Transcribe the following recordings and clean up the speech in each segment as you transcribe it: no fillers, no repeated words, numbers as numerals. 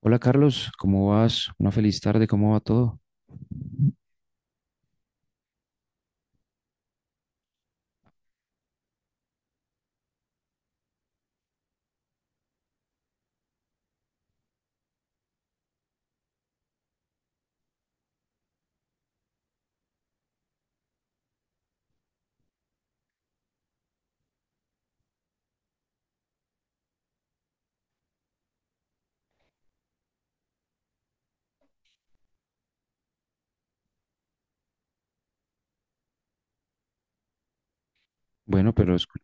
Hola, Carlos, ¿cómo vas? Una feliz tarde, ¿cómo va todo? Bueno, pero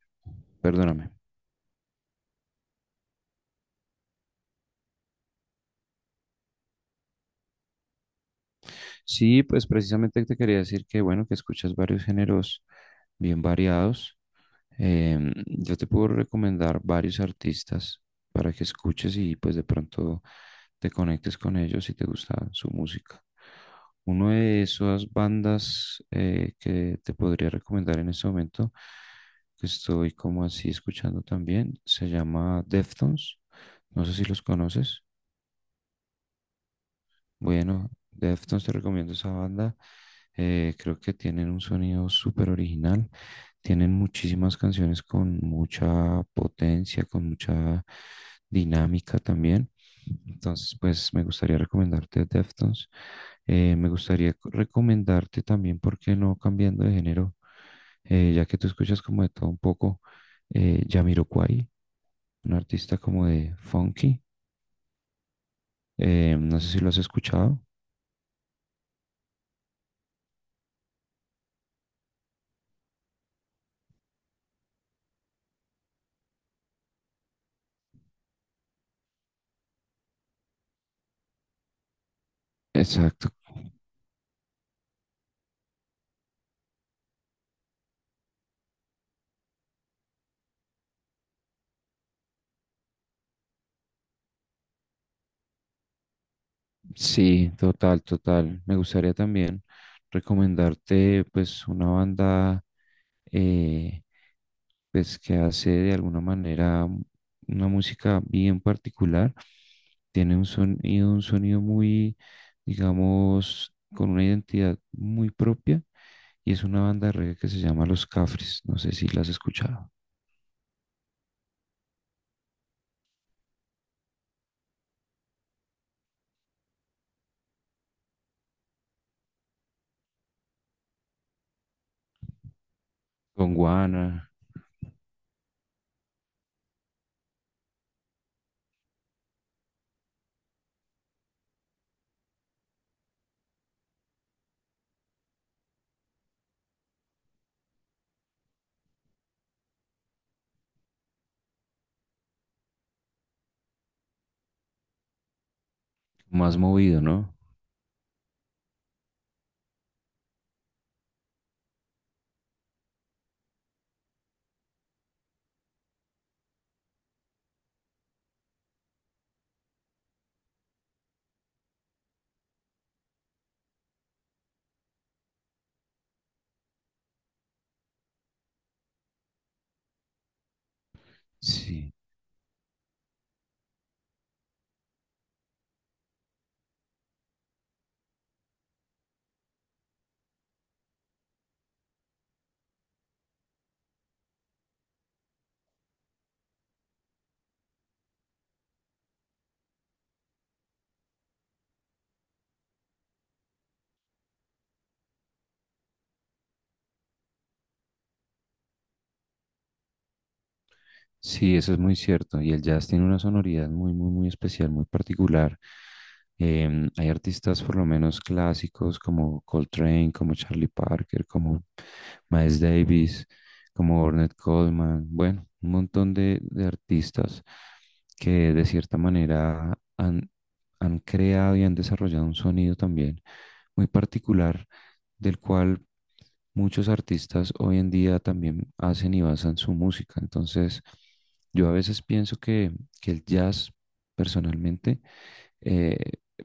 perdóname. Sí, pues precisamente te quería decir que, bueno, que escuchas varios géneros bien variados. Yo te puedo recomendar varios artistas para que escuches y pues de pronto te conectes con ellos si te gusta su música. Una de esas bandas, que te podría recomendar en este momento, que estoy como así escuchando también, se llama Deftones. No sé si los conoces. Bueno, Deftones, te recomiendo esa banda. Creo que tienen un sonido súper original. Tienen muchísimas canciones con mucha potencia, con mucha dinámica también. Entonces, pues me gustaría recomendarte Deftones. Me gustaría recomendarte también, ¿por qué no cambiando de género? Ya que tú escuchas como de todo un poco, Jamiroquai, un artista como de funky. No sé si lo has escuchado. Exacto. Sí, total, total. Me gustaría también recomendarte pues una banda, eh, pues que hace de alguna manera una música bien particular. Tiene un sonido muy, digamos, con una identidad muy propia, y es una banda de reggae que se llama Los Cafres. No sé si la has escuchado. Con Guana, más movido, ¿no? Sí. Sí, eso es muy cierto. Y el jazz tiene una sonoridad muy, muy, muy especial, muy particular. Hay artistas, por lo menos clásicos, como Coltrane, como Charlie Parker, como Miles Davis, como Ornette Coleman. Bueno, un montón de artistas que de cierta manera han, han creado y han desarrollado un sonido también muy particular, del cual muchos artistas hoy en día también hacen y basan su música. Entonces, yo a veces pienso que el jazz, personalmente, eh,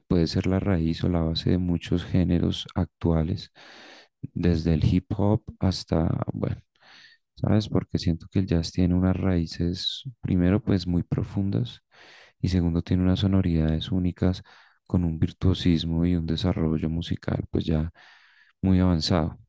puede ser la raíz o la base de muchos géneros actuales, desde el hip hop hasta, bueno, ¿sabes? Porque siento que el jazz tiene unas raíces, primero, pues muy profundas, y segundo, tiene unas sonoridades únicas con un virtuosismo y un desarrollo musical pues ya muy avanzado.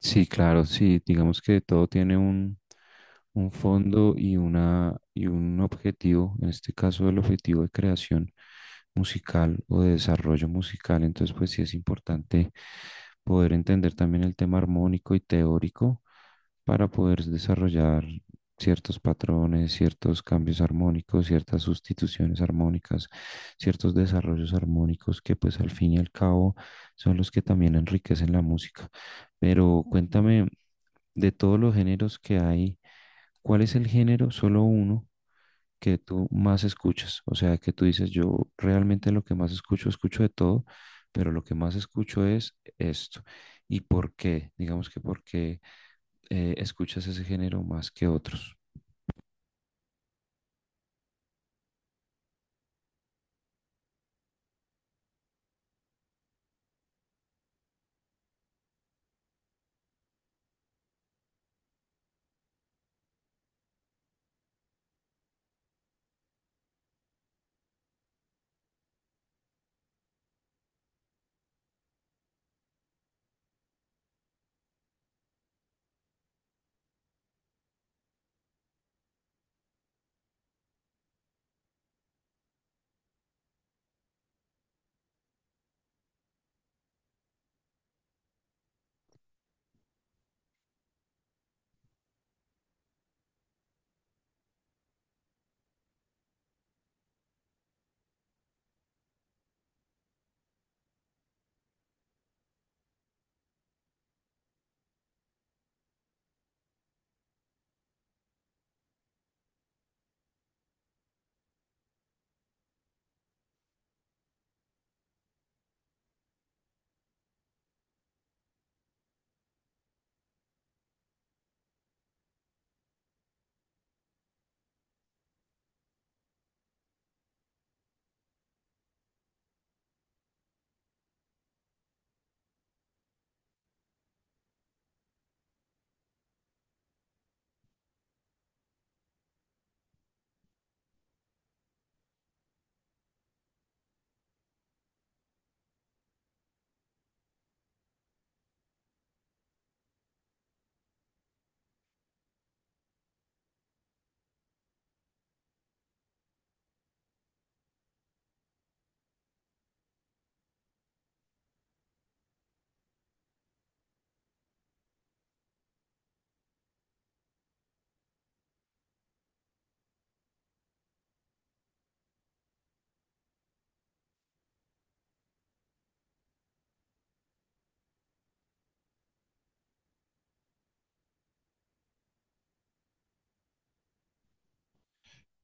Sí, claro, sí, digamos que todo tiene un fondo y, una, y un objetivo, en este caso el objetivo de creación musical o de desarrollo musical. Entonces pues sí es importante poder entender también el tema armónico y teórico para poder desarrollar ciertos patrones, ciertos cambios armónicos, ciertas sustituciones armónicas, ciertos desarrollos armónicos que pues al fin y al cabo son los que también enriquecen la música. Pero cuéntame, de todos los géneros que hay, ¿cuál es el género, solo uno, que tú más escuchas? O sea, que tú dices, yo realmente lo que más escucho, escucho de todo, pero lo que más escucho es esto. ¿Y por qué? Digamos, que por qué escuchas ese género más que otros.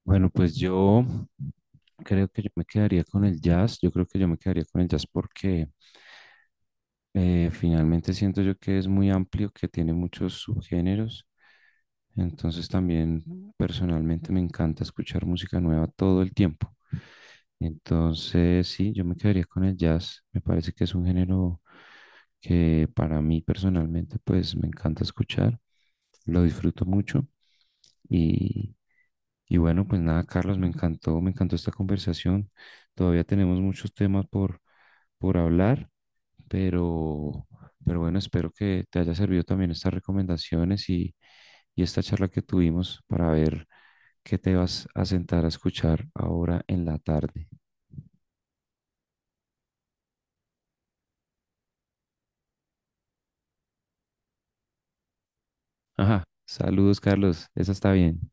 Bueno, pues yo creo que yo me quedaría con el jazz. Yo creo que yo me quedaría con el jazz porque finalmente siento yo que es muy amplio, que tiene muchos subgéneros. Entonces también personalmente me encanta escuchar música nueva todo el tiempo. Entonces sí, yo me quedaría con el jazz. Me parece que es un género que para mí personalmente pues me encanta escuchar. Lo disfruto mucho, y, y bueno, pues nada, Carlos, me encantó esta conversación. Todavía tenemos muchos temas por hablar, pero, pero bueno, espero que te haya servido también estas recomendaciones y esta charla que tuvimos para ver que te vas a sentar a escuchar ahora en la tarde. Ajá, saludos, Carlos. Esa está bien.